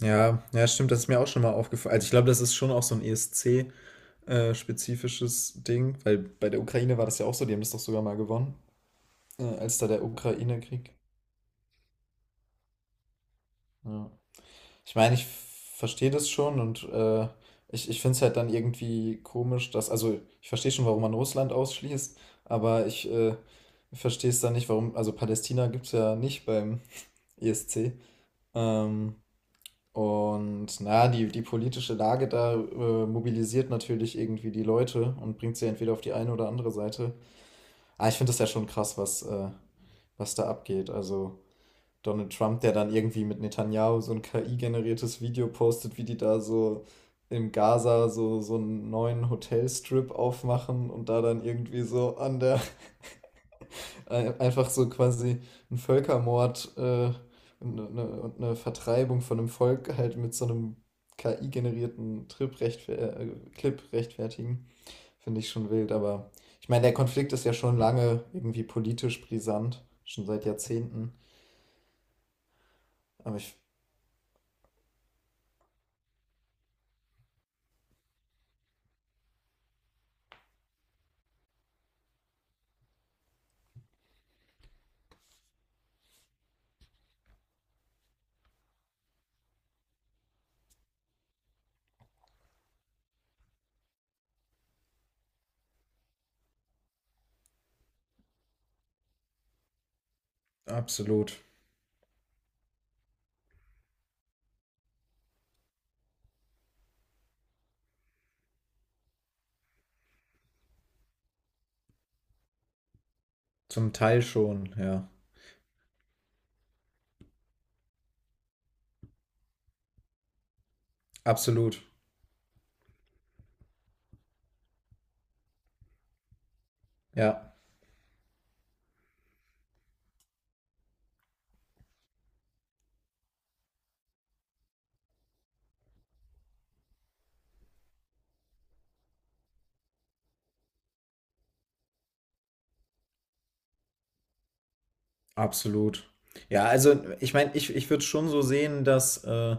Ja, ja, stimmt, das ist mir auch schon mal aufgefallen. Also ich glaube, das ist schon auch so ein ESC-spezifisches Ding, weil bei der Ukraine war das ja auch so, die haben das doch sogar mal gewonnen, als da der Ukraine-Krieg. Ja. Ich meine, ich verstehe das schon und ich finde es halt dann irgendwie komisch, dass, also ich verstehe schon, warum man Russland ausschließt, aber ich verstehe es dann nicht, warum, also Palästina gibt es ja nicht beim ESC. Ähm, Und na ja, die politische Lage da, mobilisiert natürlich irgendwie die Leute und bringt sie entweder auf die eine oder andere Seite. Ich finde das ja schon krass, was da abgeht. Also Donald Trump, der dann irgendwie mit Netanyahu so 'n KI-generiertes Video postet, wie die da so in Gaza so einen neuen Hotelstrip aufmachen und da dann irgendwie so einfach so quasi ein Völkermord und eine Vertreibung von einem Volk halt mit so einem KI-generierten Trip rechtfer Clip rechtfertigen, finde ich schon wild. Aber ich meine, der Konflikt ist ja schon lange irgendwie politisch brisant, schon seit Jahrzehnten. Aber ich. Absolut. Zum Teil schon, ja. Absolut. Ja. Absolut. Ja, also ich meine, ich würde schon so sehen, dass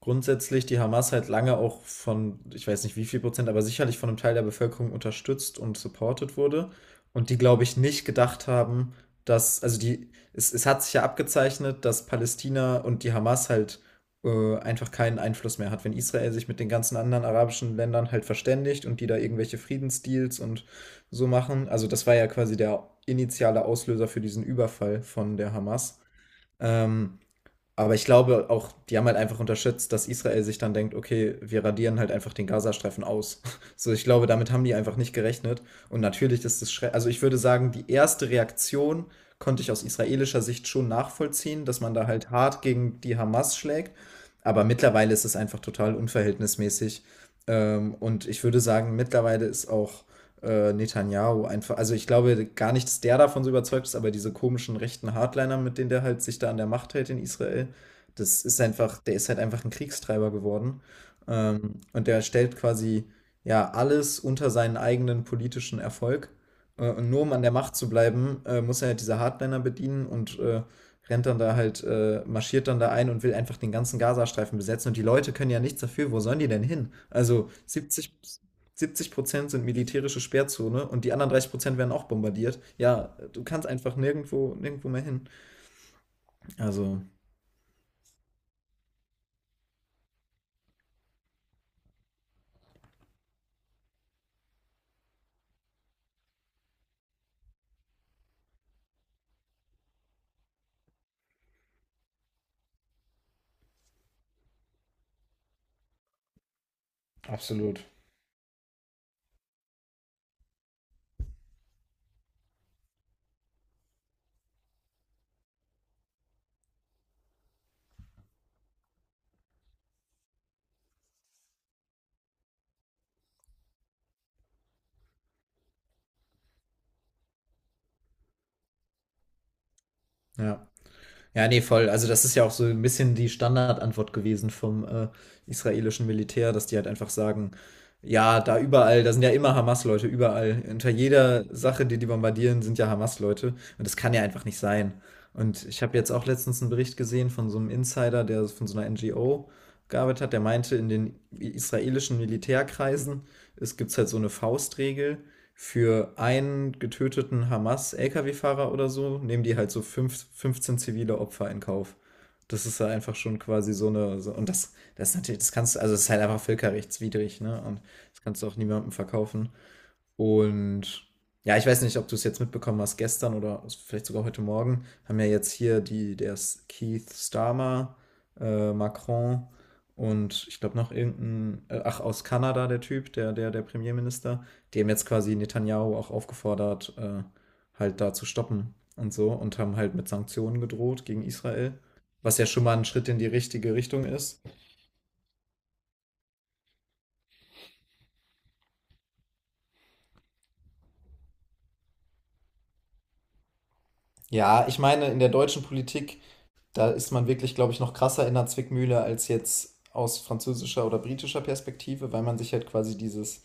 grundsätzlich die Hamas halt lange auch von, ich weiß nicht wie viel Prozent, aber sicherlich von einem Teil der Bevölkerung unterstützt und supported wurde. Und die, glaube ich, nicht gedacht haben, dass, also die, es hat sich ja abgezeichnet, dass Palästina und die Hamas halt einfach keinen Einfluss mehr hat. Wenn Israel sich mit den ganzen anderen arabischen Ländern halt verständigt und die da irgendwelche Friedensdeals und so machen. Also das war ja quasi der initiale Auslöser für diesen Überfall von der Hamas. Ähm, aber ich glaube auch, die haben halt einfach unterschätzt, dass Israel sich dann denkt, okay, wir radieren halt einfach den Gazastreifen aus. So, ich glaube, damit haben die einfach nicht gerechnet. Und natürlich ist das schrecklich. Also ich würde sagen, die erste Reaktion konnte ich aus israelischer Sicht schon nachvollziehen, dass man da halt hart gegen die Hamas schlägt. Aber mittlerweile ist es einfach total unverhältnismäßig. Und ich würde sagen, mittlerweile ist auch Netanyahu einfach, also ich glaube gar nicht, dass der davon so überzeugt ist, aber diese komischen rechten Hardliner, mit denen der halt sich da an der Macht hält in Israel, das ist einfach, der ist halt einfach ein Kriegstreiber geworden. Und der stellt quasi ja alles unter seinen eigenen politischen Erfolg. Und nur um an der Macht zu bleiben, muss er halt diese Hardliner bedienen und rennt dann da halt, marschiert dann da ein und will einfach den ganzen Gazastreifen besetzen. Und die Leute können ja nichts dafür. Wo sollen die denn hin? Also 70, 70% sind militärische Sperrzone und die anderen 30% werden auch bombardiert. Ja, du kannst einfach nirgendwo, nirgendwo mehr hin. Also, Absolut. Ja. Ja, nee, voll. Also das ist ja auch so ein bisschen die Standardantwort gewesen vom israelischen Militär, dass die halt einfach sagen, ja, da überall, da sind ja immer Hamas-Leute, überall. Unter jeder Sache, die die bombardieren, sind ja Hamas-Leute. Und das kann ja einfach nicht sein. Und ich habe jetzt auch letztens einen Bericht gesehen von so einem Insider, der von so einer NGO gearbeitet hat, der meinte, in den israelischen Militärkreisen es gibt halt so eine Faustregel, für einen getöteten Hamas-Lkw-Fahrer oder so, nehmen die halt so fünf, 15 zivile Opfer in Kauf. Das ist ja halt einfach schon quasi so eine. So, und das ist natürlich, das kannst du, also es ist halt einfach völkerrechtswidrig, ne? Und das kannst du auch niemandem verkaufen. Und ja, ich weiß nicht, ob du es jetzt mitbekommen hast, gestern oder vielleicht sogar heute Morgen haben ja jetzt hier die, der ist Keith Starmer, Macron und ich glaube noch irgendein, ach, aus Kanada der Typ, der Premierminister, die haben jetzt quasi Netanyahu auch aufgefordert, halt da zu stoppen und so und haben halt mit Sanktionen gedroht gegen Israel, was ja schon mal ein Schritt in die richtige Richtung ist. Ja, ich meine, in der deutschen Politik, da ist man wirklich, glaube ich, noch krasser in der Zwickmühle als jetzt aus französischer oder britischer Perspektive, weil man sich halt quasi dieses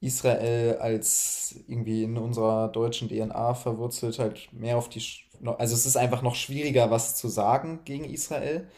Israel als irgendwie in unserer deutschen DNA verwurzelt, halt mehr auf die. Also es ist einfach noch schwieriger, was zu sagen gegen Israel.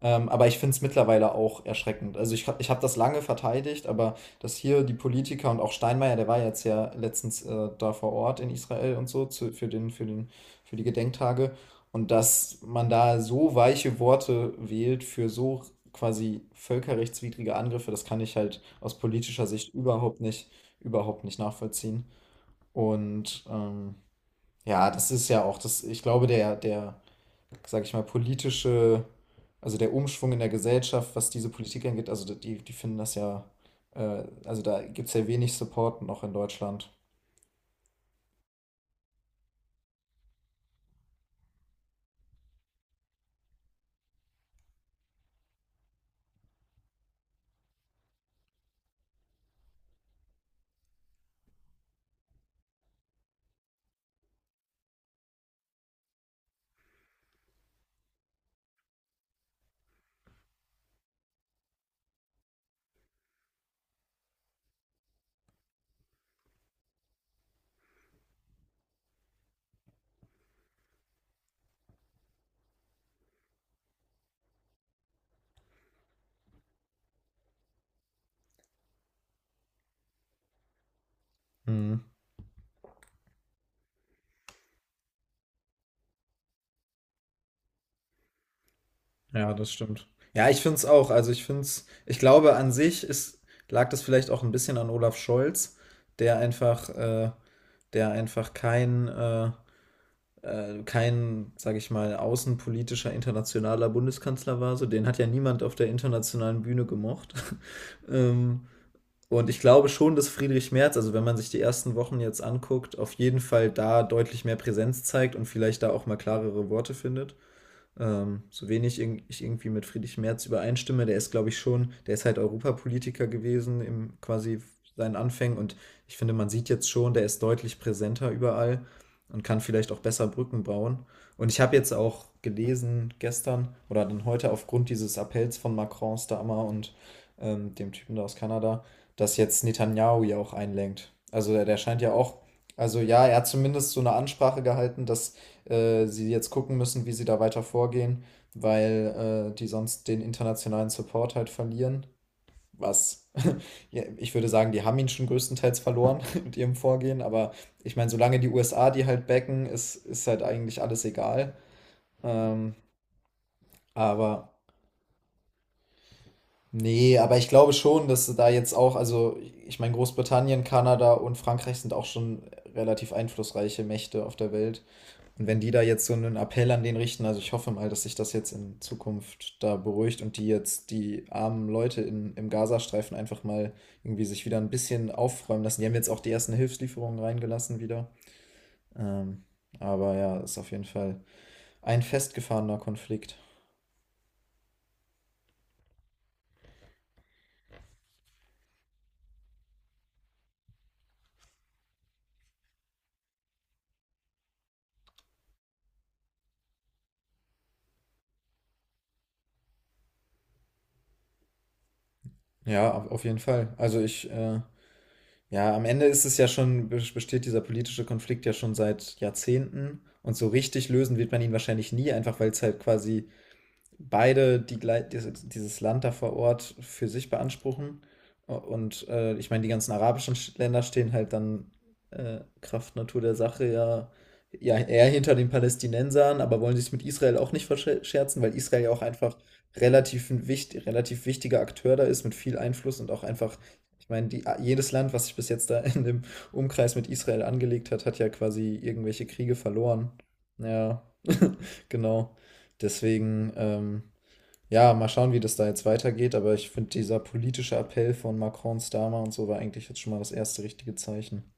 Aber ich finde es mittlerweile auch erschreckend. Also ich habe das lange verteidigt, aber dass hier die Politiker und auch Steinmeier, der war ja jetzt ja letztens da vor Ort in Israel und so zu, für die Gedenktage und dass man da so weiche Worte wählt für so quasi völkerrechtswidrige Angriffe, das kann ich halt aus politischer Sicht überhaupt nicht nachvollziehen. Und ja, das ist ja auch das, ich glaube, sag ich mal, politische, also der Umschwung in der Gesellschaft, was diese Politik angeht, also die finden das ja, also da gibt es ja wenig Support noch in Deutschland. Hm, ja, das stimmt. Ja, ich finde es auch. Also ich finde es, ich glaube an sich ist, lag das vielleicht auch ein bisschen an Olaf Scholz, der einfach, äh, der einfach kein, sage ich mal, außenpolitischer internationaler Bundeskanzler war. So, den hat ja niemand auf der internationalen Bühne gemocht. ähm, und ich glaube schon, dass Friedrich Merz, also wenn man sich die ersten Wochen jetzt anguckt, auf jeden Fall da deutlich mehr Präsenz zeigt und vielleicht da auch mal klarere Worte findet. So wenig ich irgendwie mit Friedrich Merz übereinstimme, der ist, glaube ich, schon, der ist halt Europapolitiker gewesen im quasi seinen Anfängen und ich finde, man sieht jetzt schon, der ist deutlich präsenter überall und kann vielleicht auch besser Brücken bauen. Und ich habe jetzt auch gelesen gestern oder dann heute aufgrund dieses Appells von Macron, Starmer und dem Typen da aus Kanada, dass jetzt Netanyahu ja auch einlenkt. Also der scheint ja auch, also ja, er hat zumindest so eine Ansprache gehalten, dass sie jetzt gucken müssen, wie sie da weiter vorgehen, weil die sonst den internationalen Support halt verlieren. Was, ja, ich würde sagen, die haben ihn schon größtenteils verloren mit ihrem Vorgehen, aber ich meine, solange die USA die halt backen, ist halt eigentlich alles egal. Ähm, aber nee, aber ich glaube schon, dass da jetzt auch, also ich meine, Großbritannien, Kanada und Frankreich sind auch schon relativ einflussreiche Mächte auf der Welt. Und wenn die da jetzt so einen Appell an den richten, also ich hoffe mal, dass sich das jetzt in Zukunft da beruhigt und die jetzt die armen Leute im Gazastreifen einfach mal irgendwie sich wieder ein bisschen aufräumen lassen. Die haben jetzt auch die ersten Hilfslieferungen reingelassen wieder. Ähm, aber ja, ist auf jeden Fall ein festgefahrener Konflikt. Ja, auf jeden Fall. Also ja, am Ende ist es ja schon, besteht dieser politische Konflikt ja schon seit Jahrzehnten. Und so richtig lösen wird man ihn wahrscheinlich nie, einfach weil es halt quasi beide dieses Land da vor Ort für sich beanspruchen. Und ich meine, die ganzen arabischen Länder stehen halt dann Kraft Natur der Sache ja eher hinter den Palästinensern, aber wollen sich mit Israel auch nicht verscherzen, weil Israel ja auch einfach relativ wichtiger Akteur da ist mit viel Einfluss und auch einfach, ich meine, jedes Land, was sich bis jetzt da in dem Umkreis mit Israel angelegt hat, hat ja quasi irgendwelche Kriege verloren. Ja, genau. Deswegen, ja, mal schauen, wie das da jetzt weitergeht, aber ich finde, dieser politische Appell von Macron, Starmer und so war eigentlich jetzt schon mal das erste richtige Zeichen.